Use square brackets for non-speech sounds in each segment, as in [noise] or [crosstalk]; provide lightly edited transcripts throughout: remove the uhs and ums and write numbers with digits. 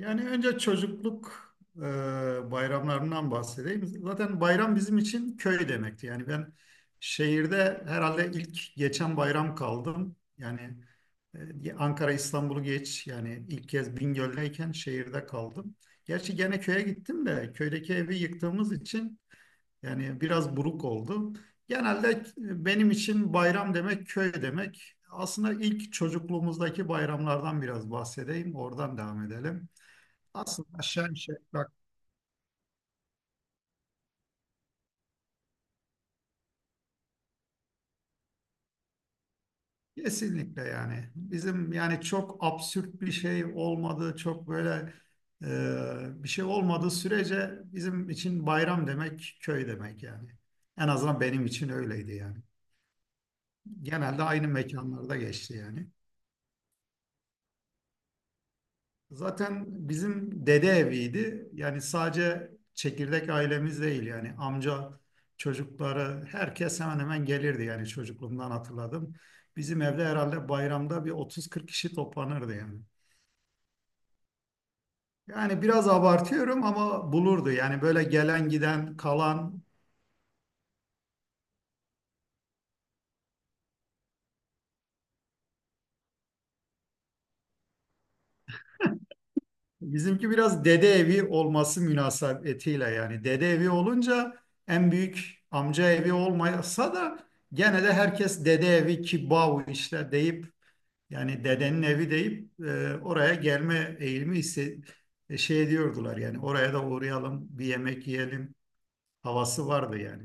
Yani önce çocukluk bayramlarından bahsedeyim. Zaten bayram bizim için köy demekti. Yani ben şehirde herhalde ilk geçen bayram kaldım. Yani Ankara, İstanbul'u geç. Yani ilk kez Bingöl'deyken şehirde kaldım. Gerçi gene köye gittim de köydeki evi yıktığımız için yani biraz buruk oldu. Genelde benim için bayram demek köy demek. Aslında ilk çocukluğumuzdaki bayramlardan biraz bahsedeyim. Oradan devam edelim. Aslında aşağı yukarı bak, kesinlikle yani bizim, yani çok absürt bir şey olmadığı, çok böyle bir şey olmadığı sürece bizim için bayram demek köy demek yani. En azından benim için öyleydi yani. Genelde aynı mekanlarda geçti yani. Zaten bizim dede eviydi. Yani sadece çekirdek ailemiz değil, yani amca çocukları herkes hemen hemen gelirdi yani, çocukluğumdan hatırladım. Bizim evde herhalde bayramda bir 30-40 kişi toplanırdı yani. Yani biraz abartıyorum ama bulurdu yani, böyle gelen giden kalan, bizimki biraz dede evi olması münasebetiyle. Yani dede evi olunca, en büyük amca evi olmasa da gene de herkes dede evi kibav işte deyip, yani dedenin evi deyip oraya gelme eğilimi şey diyordular. Yani oraya da uğrayalım, bir yemek yiyelim havası vardı yani.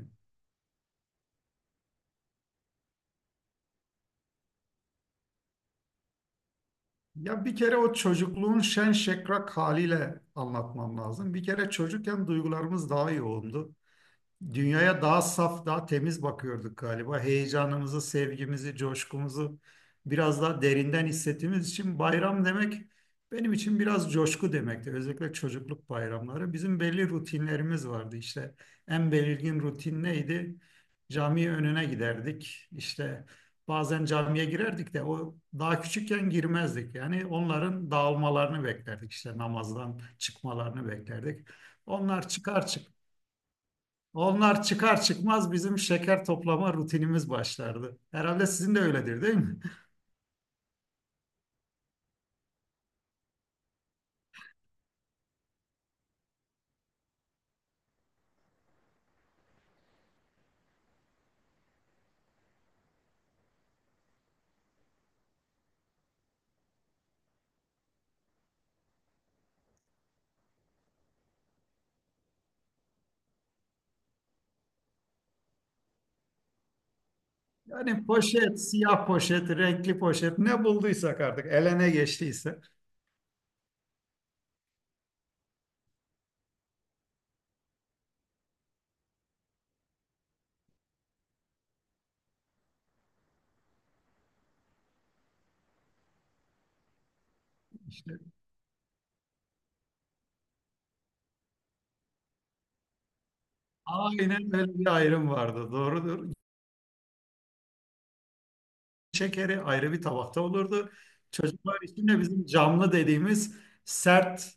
Ya bir kere o çocukluğun şen şakrak haliyle anlatmam lazım. Bir kere çocukken duygularımız daha yoğundu. Dünyaya daha saf, daha temiz bakıyorduk galiba. Heyecanımızı, sevgimizi, coşkumuzu biraz daha derinden hissettiğimiz için bayram demek benim için biraz coşku demekti. Özellikle çocukluk bayramları. Bizim belli rutinlerimiz vardı işte. En belirgin rutin neydi? Cami önüne giderdik. İşte bazen camiye girerdik de, o daha küçükken girmezdik. Yani onların dağılmalarını beklerdik. İşte namazdan çıkmalarını beklerdik. Onlar çıkar çıkmaz onlar çıkar çıkmaz bizim şeker toplama rutinimiz başlardı. Herhalde sizin de öyledir, değil mi? [laughs] Yani poşet, siyah poşet, renkli poşet, ne bulduysak artık elene geçtiyse. Aynen, böyle bir ayrım vardı. Doğrudur. Şekeri ayrı bir tabakta olurdu. Çocuklar için de bizim camlı dediğimiz sert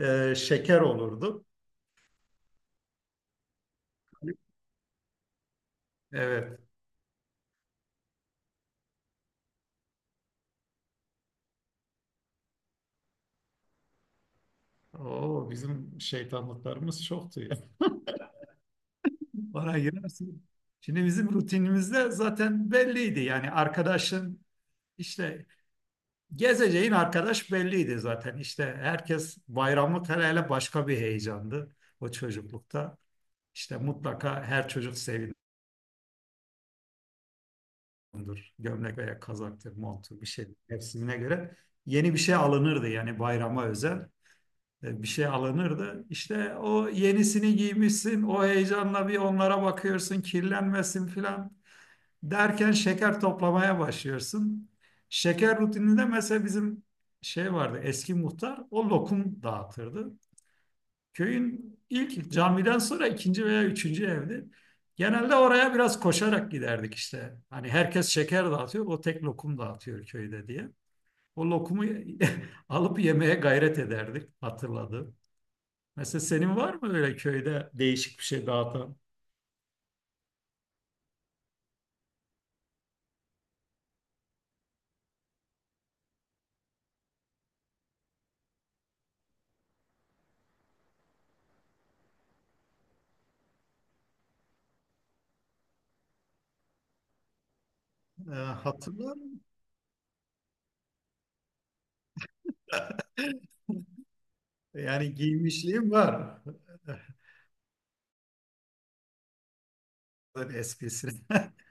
şeker olurdu. Evet. Oo, bizim şeytanlıklarımız çoktu ya. [laughs] Bana girersin. Şimdi bizim rutinimizde zaten belliydi. Yani arkadaşın, İşte gezeceğin arkadaş belliydi zaten. İşte herkes bayramlık, hele hele başka bir heyecandı o çocuklukta. İşte mutlaka her çocuk sevinir. Gömlek veya kazaktır, montu, bir şey mevsimine göre. Yeni bir şey alınırdı yani, bayrama özel bir şey alınırdı. İşte o yenisini giymişsin, o heyecanla bir onlara bakıyorsun, kirlenmesin filan. Derken şeker toplamaya başlıyorsun. Şeker rutininde mesela bizim şey vardı, eski muhtar o lokum dağıtırdı. Köyün ilk camiden sonra ikinci veya üçüncü evdi. Genelde oraya biraz koşarak giderdik işte. Hani herkes şeker dağıtıyor, o tek lokum dağıtıyor köyde diye. O lokumu [laughs] alıp yemeye gayret ederdik, hatırladım. Mesela senin var mı öyle köyde değişik bir şey dağıtan? Hatırlar [laughs] yani giymişliğim var, bir esprisine. [laughs]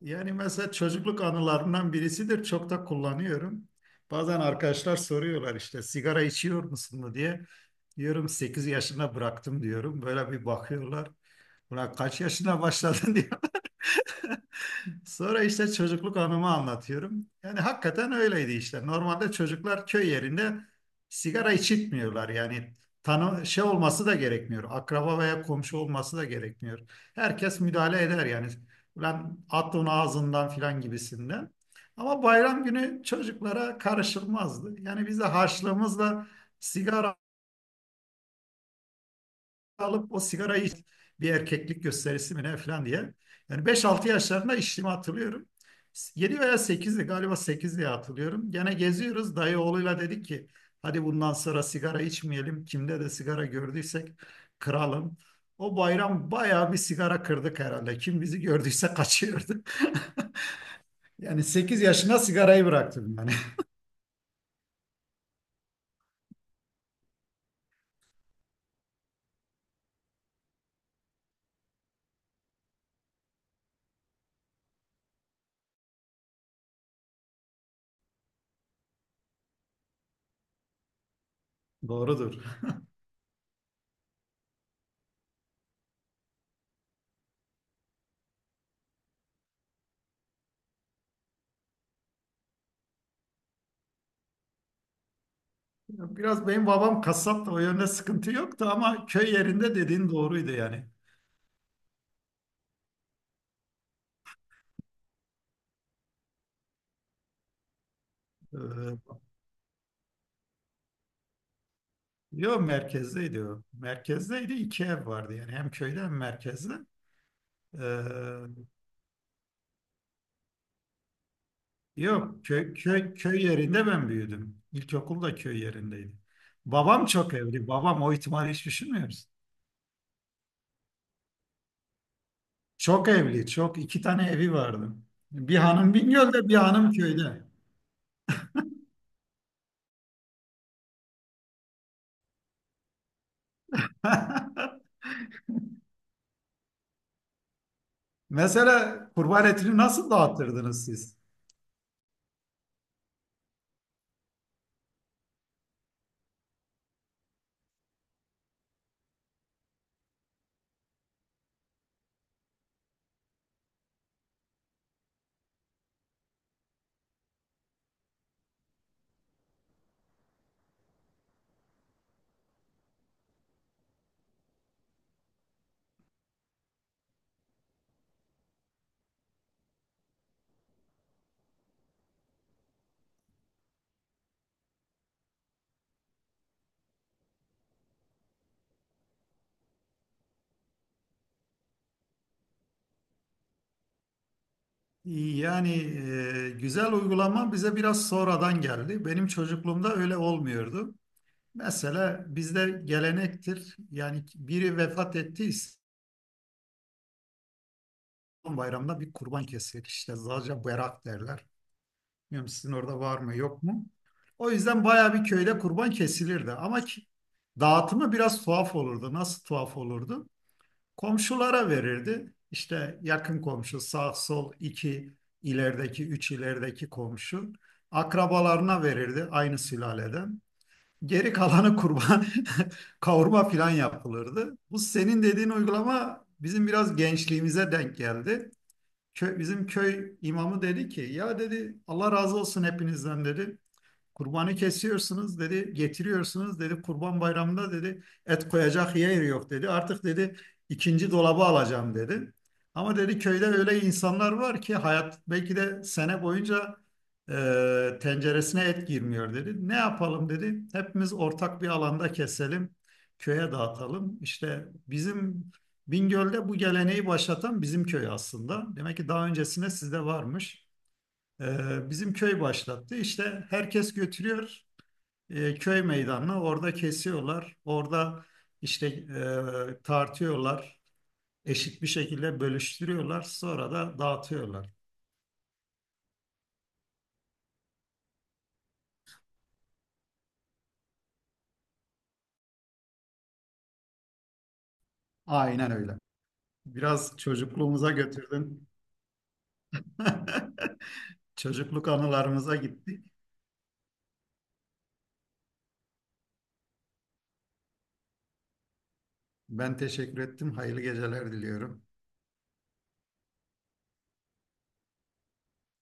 Yani mesela çocukluk anılarından birisidir. Çok da kullanıyorum. Bazen arkadaşlar soruyorlar işte, sigara içiyor musun mu diye. Diyorum 8 yaşında bıraktım diyorum. Böyle bir bakıyorlar. Buna kaç yaşına başladın [laughs] diye. Sonra işte çocukluk anımı anlatıyorum. Yani hakikaten öyleydi işte. Normalde çocuklar köy yerinde sigara içitmiyorlar. Yani tanı şey olması da gerekmiyor. Akraba veya komşu olması da gerekmiyor. Herkes müdahale eder yani. Ulan at onu ağzından filan gibisinden. Ama bayram günü çocuklara karışılmazdı. Yani biz de harçlığımızla sigara alıp, o sigarayı bir erkeklik gösterisi mi ne falan diye. Yani 5-6 yaşlarında içtiğimi hatırlıyorum. Yedi veya 8'di galiba, 8 diye hatırlıyorum. Gene geziyoruz dayı oğluyla, dedik ki hadi bundan sonra sigara içmeyelim. Kimde de sigara gördüysek kıralım. O bayram bayağı bir sigara kırdık herhalde. Kim bizi gördüyse kaçıyordu. [laughs] Yani 8 yaşına sigarayı bıraktım yani. [laughs] Doğrudur. Biraz benim babam kasap da o yönde sıkıntı yoktu, ama köy yerinde dediğin doğruydu yani. Ee, Yok, merkezdeydi o. Merkezdeydi, iki ev vardı yani, hem köyde hem merkezde. Ee, yok, köy yerinde ben büyüdüm. İlkokul da köy yerindeydi. Babam çok evli. Babam, o ihtimali hiç düşünmüyoruz. Çok evli. Çok, iki tane evi vardı. Bir hanım Bingöl'de, bir hanım köyde. [laughs] Mesela kurban etini nasıl dağıtırdınız siz? Yani güzel uygulama bize biraz sonradan geldi. Benim çocukluğumda öyle olmuyordu. Mesela bizde gelenektir. Yani biri vefat ettiyse son bayramda bir kurban kesilir. İşte sadece berak derler. Bilmiyorum sizin orada var mı yok mu? O yüzden bayağı bir köyde kurban kesilirdi. Ama dağıtımı biraz tuhaf olurdu. Nasıl tuhaf olurdu? Komşulara verirdi. İşte yakın komşu, sağ sol iki ilerideki, üç ilerideki komşu. Akrabalarına verirdi, aynı sülaleden. Geri kalanı kurban, [laughs] kavurma filan yapılırdı. Bu senin dediğin uygulama bizim biraz gençliğimize denk geldi. Bizim köy imamı dedi ki, ya dedi, Allah razı olsun hepinizden dedi. Kurbanı kesiyorsunuz dedi, getiriyorsunuz dedi. Kurban bayramında dedi et koyacak yer yok dedi. Artık dedi ikinci dolabı alacağım dedi. Ama dedi, köyde öyle insanlar var ki hayat belki de sene boyunca tenceresine et girmiyor dedi. Ne yapalım dedi. Hepimiz ortak bir alanda keselim, köye dağıtalım. İşte bizim Bingöl'de bu geleneği başlatan bizim köy aslında. Demek ki daha öncesinde sizde varmış. Bizim köy başlattı. İşte herkes götürüyor köy meydanına. Orada kesiyorlar. Orada işte tartıyorlar. Eşit bir şekilde bölüştürüyorlar. Sonra da dağıtıyorlar. Aynen öyle. Biraz çocukluğumuza götürdün. [laughs] Çocukluk anılarımıza gittik. Ben teşekkür ettim. Hayırlı geceler diliyorum.